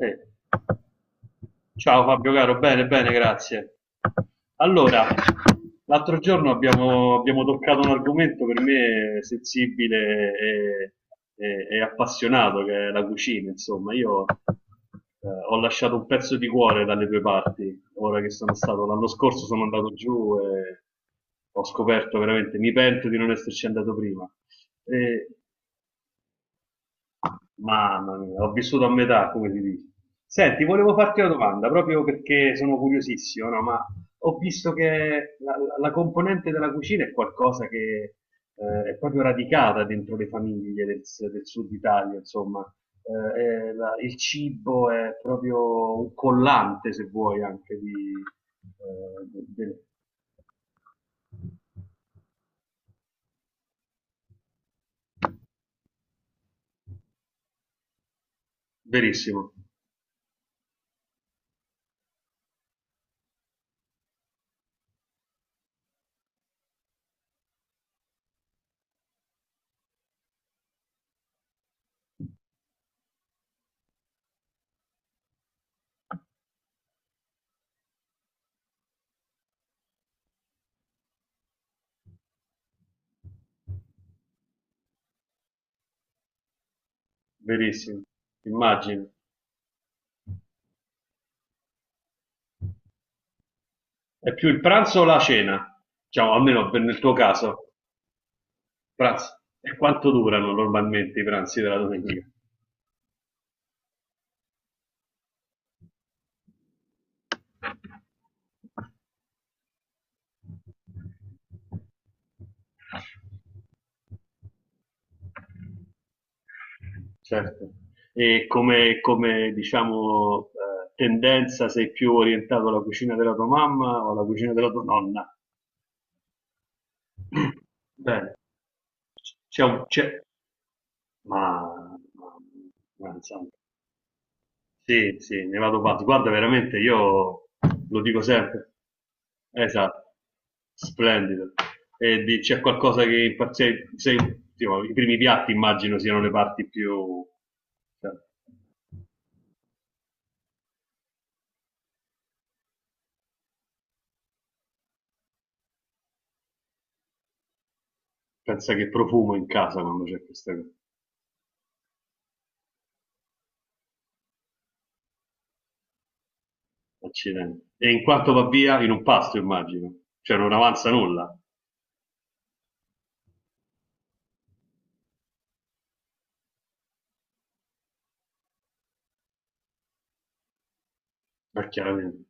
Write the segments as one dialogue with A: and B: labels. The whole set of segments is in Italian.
A: Eh. Ciao Fabio caro, bene, bene, grazie. Allora, l'altro giorno abbiamo toccato un argomento per me sensibile e appassionato, che è la cucina, insomma. Io ho lasciato un pezzo di cuore dalle tue parti, ora che sono stato, l'anno scorso sono andato giù e ho scoperto veramente, mi pento di non esserci andato prima. Eh, Mamma mia, ho vissuto a metà, come si dice. Senti, volevo farti una domanda, proprio perché sono curiosissimo, no? Ma ho visto che la componente della cucina è qualcosa che è proprio radicata dentro le famiglie del sud Italia, insomma. È il cibo è proprio un collante, se vuoi, anche di... verissimo, verissimo, immagino. È più il pranzo o la cena? Diciamo, almeno nel tuo caso. Pranzo. E quanto durano normalmente i pranzi della domenica? Certo. E diciamo, tendenza sei più orientato alla cucina della tua mamma o alla cucina della tua nonna? Bene, c'è un... C'è, ma... ma- ma insomma. Sì, sì, ne vado pazzo. Guarda, veramente, io lo dico sempre. Esatto, splendido. E c'è qualcosa che impazzisce, i primi piatti immagino siano le parti più... cioè, pensa che profumo in casa quando c'è questo accidente. E in quanto va via, in un pasto immagino. Cioè non avanza nulla, ma chiaramente.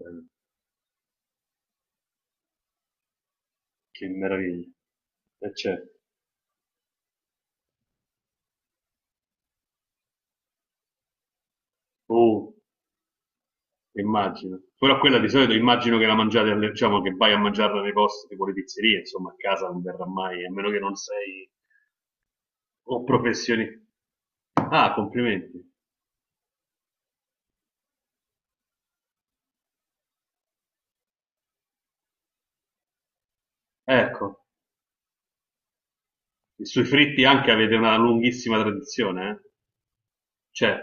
A: Eh, che meraviglia. E c'è. Oh, immagino. Però quella di solito immagino che la mangiate, diciamo che vai a mangiarla nei posti tipo le pizzerie, insomma a casa non verrà mai, a meno che non sei un professionista. Ah, complimenti. Ecco, e sui fritti anche avete una lunghissima tradizione, eh? C'è.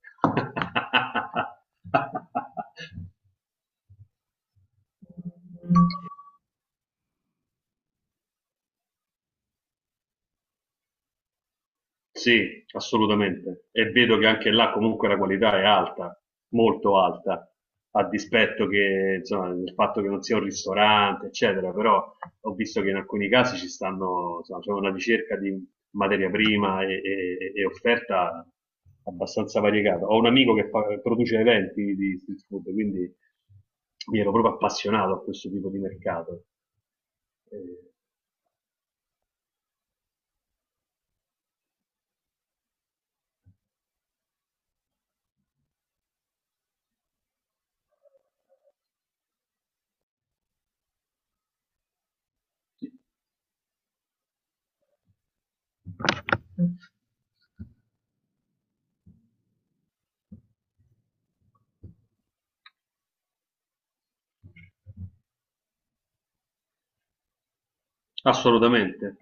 A: Sì, assolutamente. E vedo che anche là comunque la qualità è alta, molto alta, a dispetto che, insomma, del fatto che non sia un ristorante, eccetera, però ho visto che in alcuni casi ci stanno, insomma, c'è una ricerca di materia prima e offerta abbastanza variegata. Ho un amico che produce eventi di street food, quindi mi ero proprio appassionato a questo tipo di mercato. Eh, assolutamente.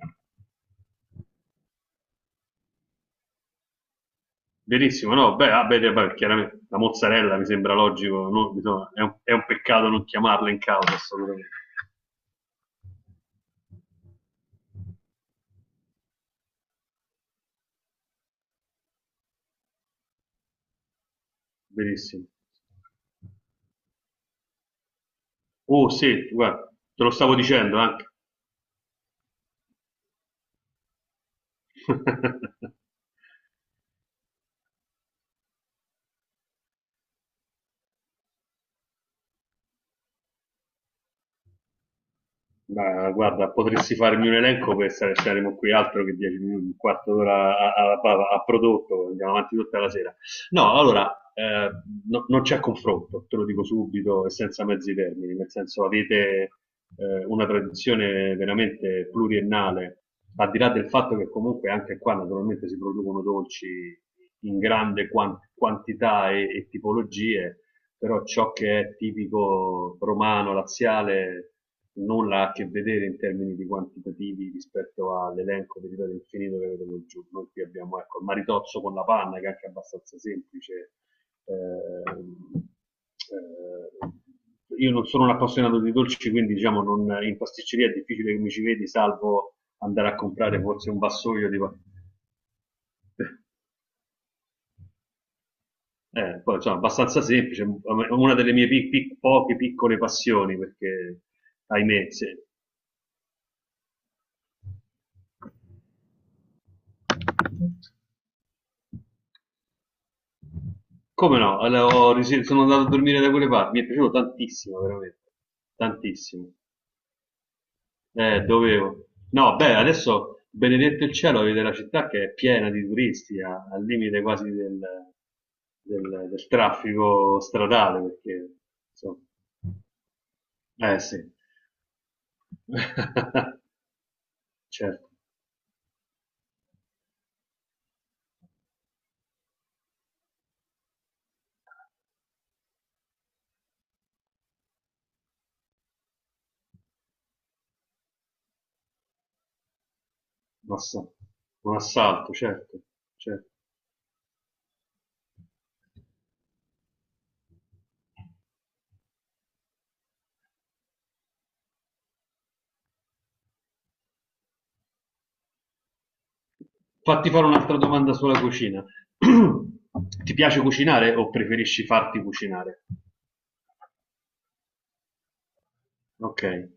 A: Verissimo, no, beh, ah, beh, beh, chiaramente la mozzarella mi sembra logico, no? È un peccato non chiamarla in causa assolutamente. Verissimo. Oh sì, guarda, te lo stavo dicendo anche. Ma guarda, potresti farmi un elenco per stare saremo qui altro che 10 minuti, un quarto d'ora a prodotto, andiamo avanti tutta la sera. No, allora, eh, non c'è confronto, te lo dico subito e senza mezzi termini, nel senso avete una tradizione veramente pluriennale, al di là del fatto che comunque anche qua naturalmente si producono dolci in grande quantità e tipologie, però ciò che è tipico romano, laziale, nulla ha a che vedere in termini di quantitativi rispetto all'elenco di ripeto infinito che vedevo giù. Noi qui abbiamo ecco, il maritozzo con la panna, che è anche abbastanza semplice. Eh, io non sono un appassionato di dolci, quindi diciamo non, in pasticceria è difficile che mi ci vedi, salvo andare a comprare forse un vassoio di. Poi, insomma, abbastanza semplice, è una delle mie poche piccole passioni, perché, ahimè, se- come no, allora, sono andato a dormire da quelle parti, mi è piaciuto tantissimo, veramente, tantissimo. Dovevo. No, beh, adesso, benedetto il cielo, vede la città che è piena di turisti, al limite quasi del traffico stradale, perché, insomma, eh sì, certo, un ass- un assalto, certo, certo. Fatti fare un'altra domanda sulla cucina. Ti piace cucinare o preferisci farti cucinare? Okay,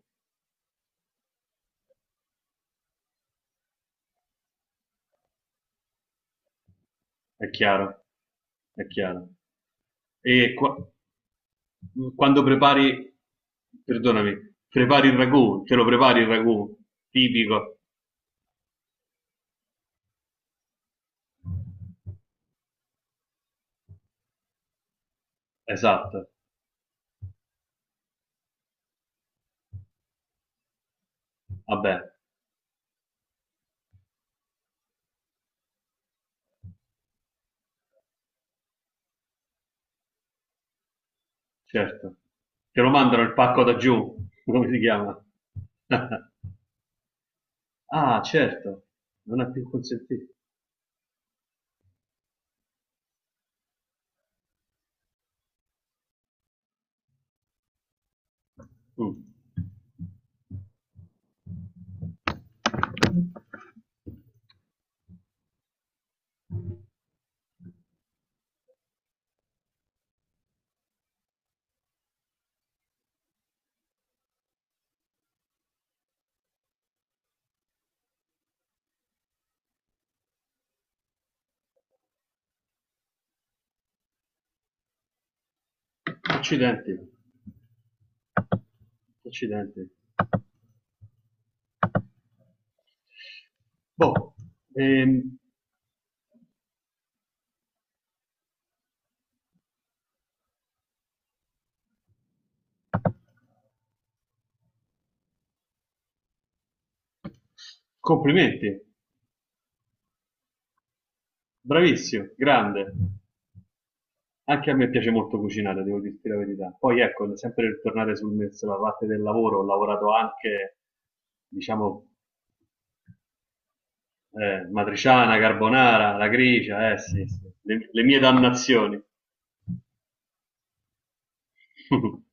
A: è chiaro, è chiaro. E qua- quando prepari, perdonami, prepari il ragù, te lo prepari il ragù tipico? Esatto, vabbè, certo. Te lo mandano il pacco da giù, come si chiama? Ah, certo, non è più consentito. Mm. Accidenti, accidenti. Boh, ehm, complimenti, bravissimo, grande. Anche a me piace molto cucinare, devo dirti la verità. Poi ecco, sempre per tornare sulla parte del lavoro, ho lavorato anche, diciamo, matriciana, carbonara, la grigia, eh sì, sì, le mie dannazioni.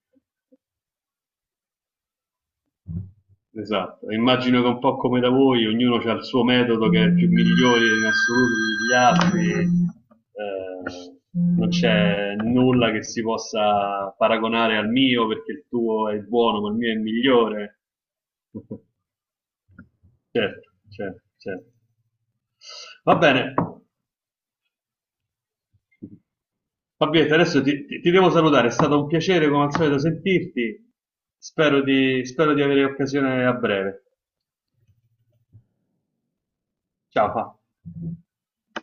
A: Esatto, immagino che un po' come da voi, ognuno ha il suo metodo che è il più migliore in assoluto degli altri, non c'è nulla che si possa paragonare al mio perché il tuo è buono ma il mio è migliore. Certo, certo, certo. Va bene. Fabietta, adesso ti devo salutare, è stato un piacere come al solito sentirti, spero di avere occasione a breve. Ciao. Fa.